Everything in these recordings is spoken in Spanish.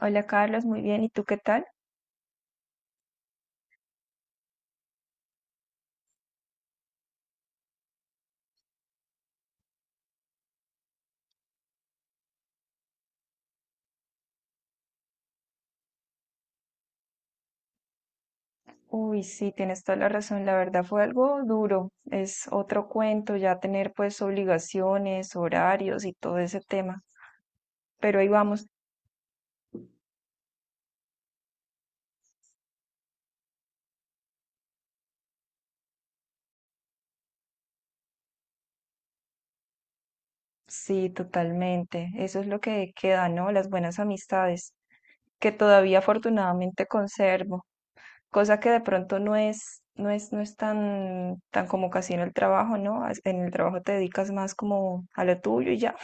Hola Carlos, muy bien. ¿Y tú qué tal? Uy, sí, tienes toda la razón. La verdad fue algo duro. Es otro cuento ya tener pues obligaciones, horarios y todo ese tema. Pero ahí vamos. Sí, totalmente. Eso es lo que queda, ¿no? Las buenas amistades, que todavía afortunadamente conservo, cosa que de pronto no es tan, tan como casi en el trabajo, ¿no? En el trabajo te dedicas más como a lo tuyo y ya.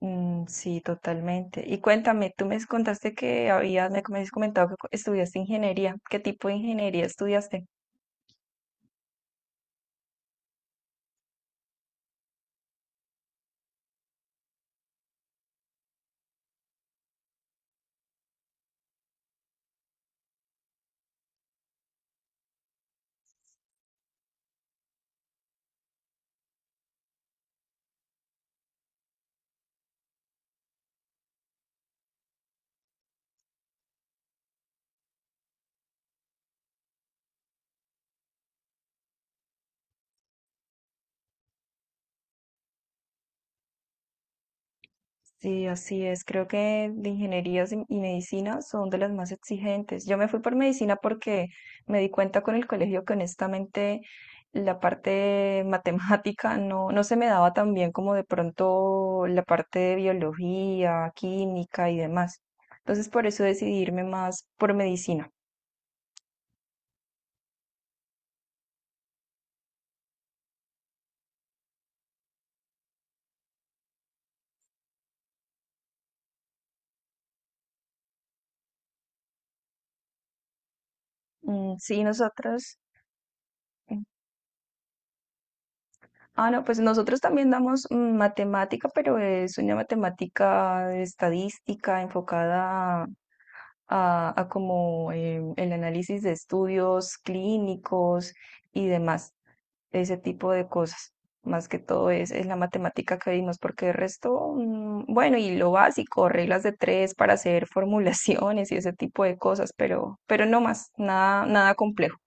Mm, sí, totalmente. Y cuéntame, tú me contaste que me habías comentado que estudiaste ingeniería. ¿Qué tipo de ingeniería estudiaste? Sí, así es. Creo que de ingenierías y medicina son de las más exigentes. Yo me fui por medicina porque me di cuenta con el colegio que honestamente la parte matemática no se me daba tan bien como de pronto la parte de biología, química y demás. Entonces por eso decidí irme más por medicina. Mm, sí, nosotros. mm, Ah, no, pues nosotros también damos matemática, pero es una matemática estadística enfocada a como el análisis de estudios clínicos y demás, ese tipo de cosas. Más que todo es la matemática que vimos, porque el resto, bueno, y lo básico, reglas de tres para hacer formulaciones y ese tipo de cosas, pero no más, nada, nada complejo,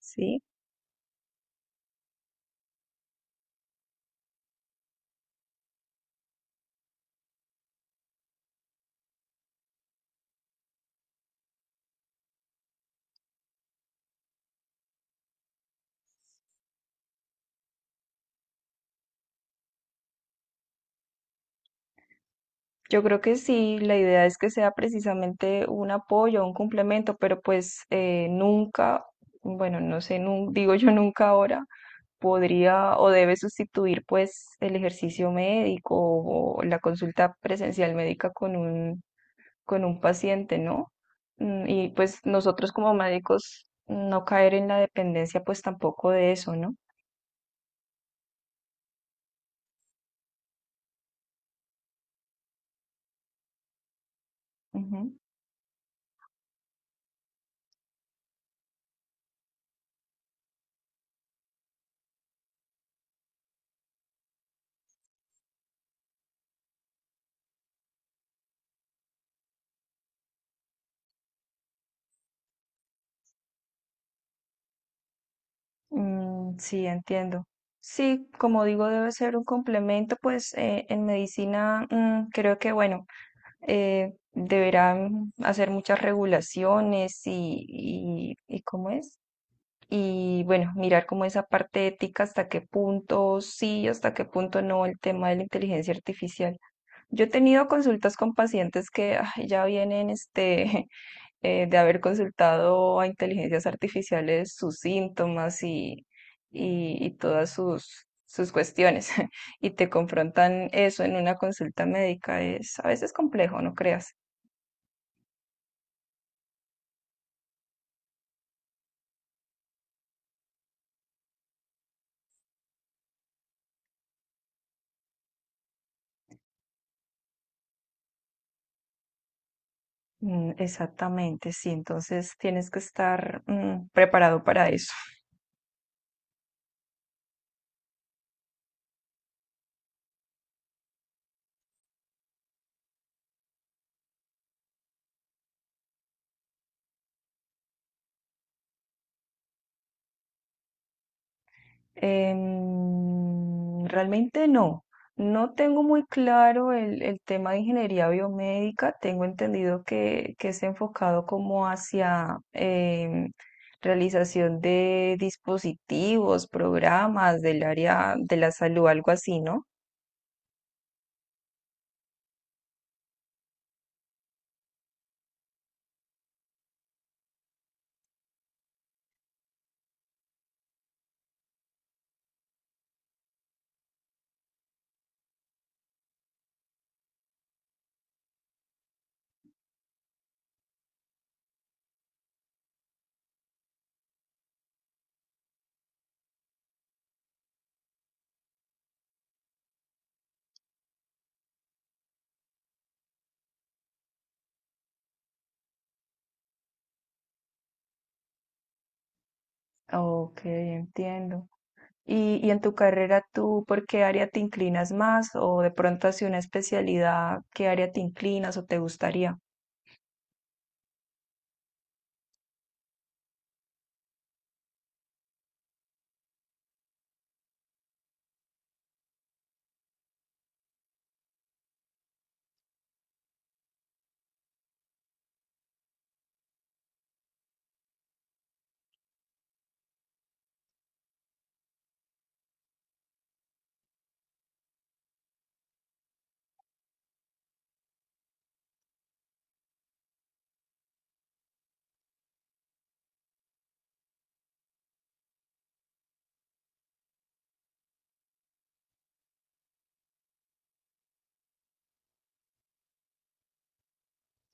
¿sí? Yo creo que sí, la idea es que sea precisamente un apoyo, un complemento, pero pues nunca, bueno, no sé, digo yo nunca ahora, podría o debe sustituir pues el ejercicio médico o la consulta presencial médica con un paciente, ¿no? Mm, y pues nosotros como médicos no caer en la dependencia pues tampoco de eso, ¿no? Ujú. Mm, sí, entiendo. Sí, como digo, debe ser un complemento, pues en medicina creo que, bueno, deberán hacer muchas regulaciones y ¿cómo es? Y bueno, mirar como esa parte ética, hasta qué punto sí, hasta qué punto no, el tema de la inteligencia artificial. Yo he tenido consultas con pacientes que ay, ya vienen este, de haber consultado a inteligencias artificiales sus síntomas y todas sus, sus cuestiones. Y te confrontan eso en una consulta médica. Es a veces complejo, no creas. Mm, exactamente, sí. Entonces tienes que estar preparado para eso. Em, realmente no. No tengo muy claro el tema de ingeniería biomédica. Tengo entendido que es enfocado como hacia realización de dispositivos, programas del área de la salud, algo así, ¿no? Ok, entiendo. Y en tu carrera, ¿tú por qué área te inclinas más? O de pronto hacia una especialidad, ¿qué área te inclinas o te gustaría?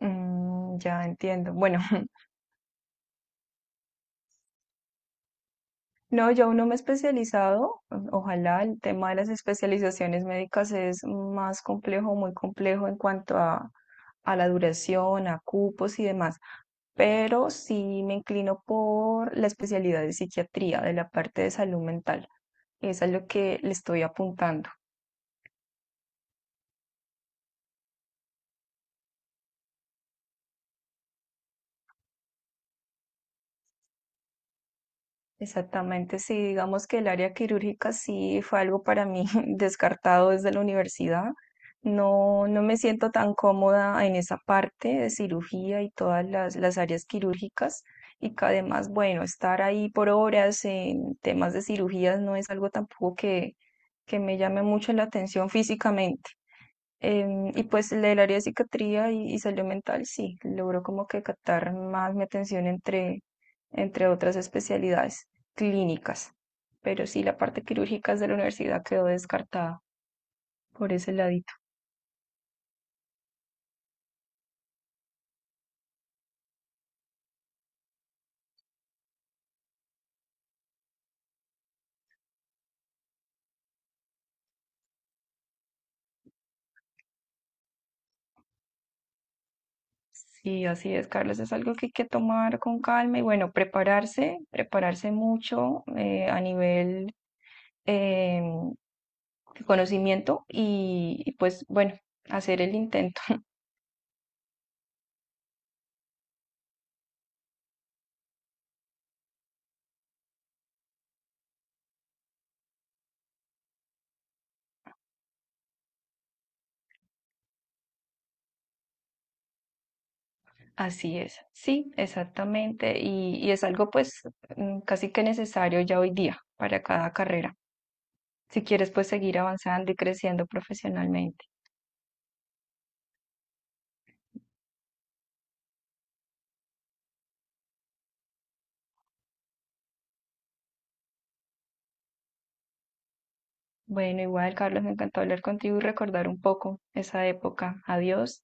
Mm, ya entiendo. Bueno, no, yo aún no me he especializado. Ojalá el tema de las especializaciones médicas es más complejo, muy complejo en cuanto a la duración, a cupos y demás. Pero sí me inclino por la especialidad de psiquiatría, de la parte de salud mental. Esa es lo que le estoy apuntando. Exactamente, sí, digamos que el área quirúrgica sí fue algo para mí descartado desde la universidad. No me siento tan cómoda en esa parte de cirugía y todas las áreas quirúrgicas y que además, bueno, estar ahí por horas en temas de cirugías no es algo tampoco que, que me llame mucho la atención físicamente. Em, y pues el del área de psiquiatría y salud mental, sí, logró como que captar más mi atención entre, entre otras especialidades clínicas. Pero sí, la parte quirúrgica de la universidad quedó descartada por ese ladito. Sí, así es, Carlos, es algo que hay que tomar con calma y bueno, prepararse, prepararse mucho a nivel em, de conocimiento y pues bueno, hacer el intento. Así es, sí, exactamente, y es algo pues casi que necesario ya hoy día para cada carrera, si quieres pues seguir avanzando y creciendo profesionalmente. Bueno, igual, Carlos, me encantó hablar contigo y recordar un poco esa época. Adiós.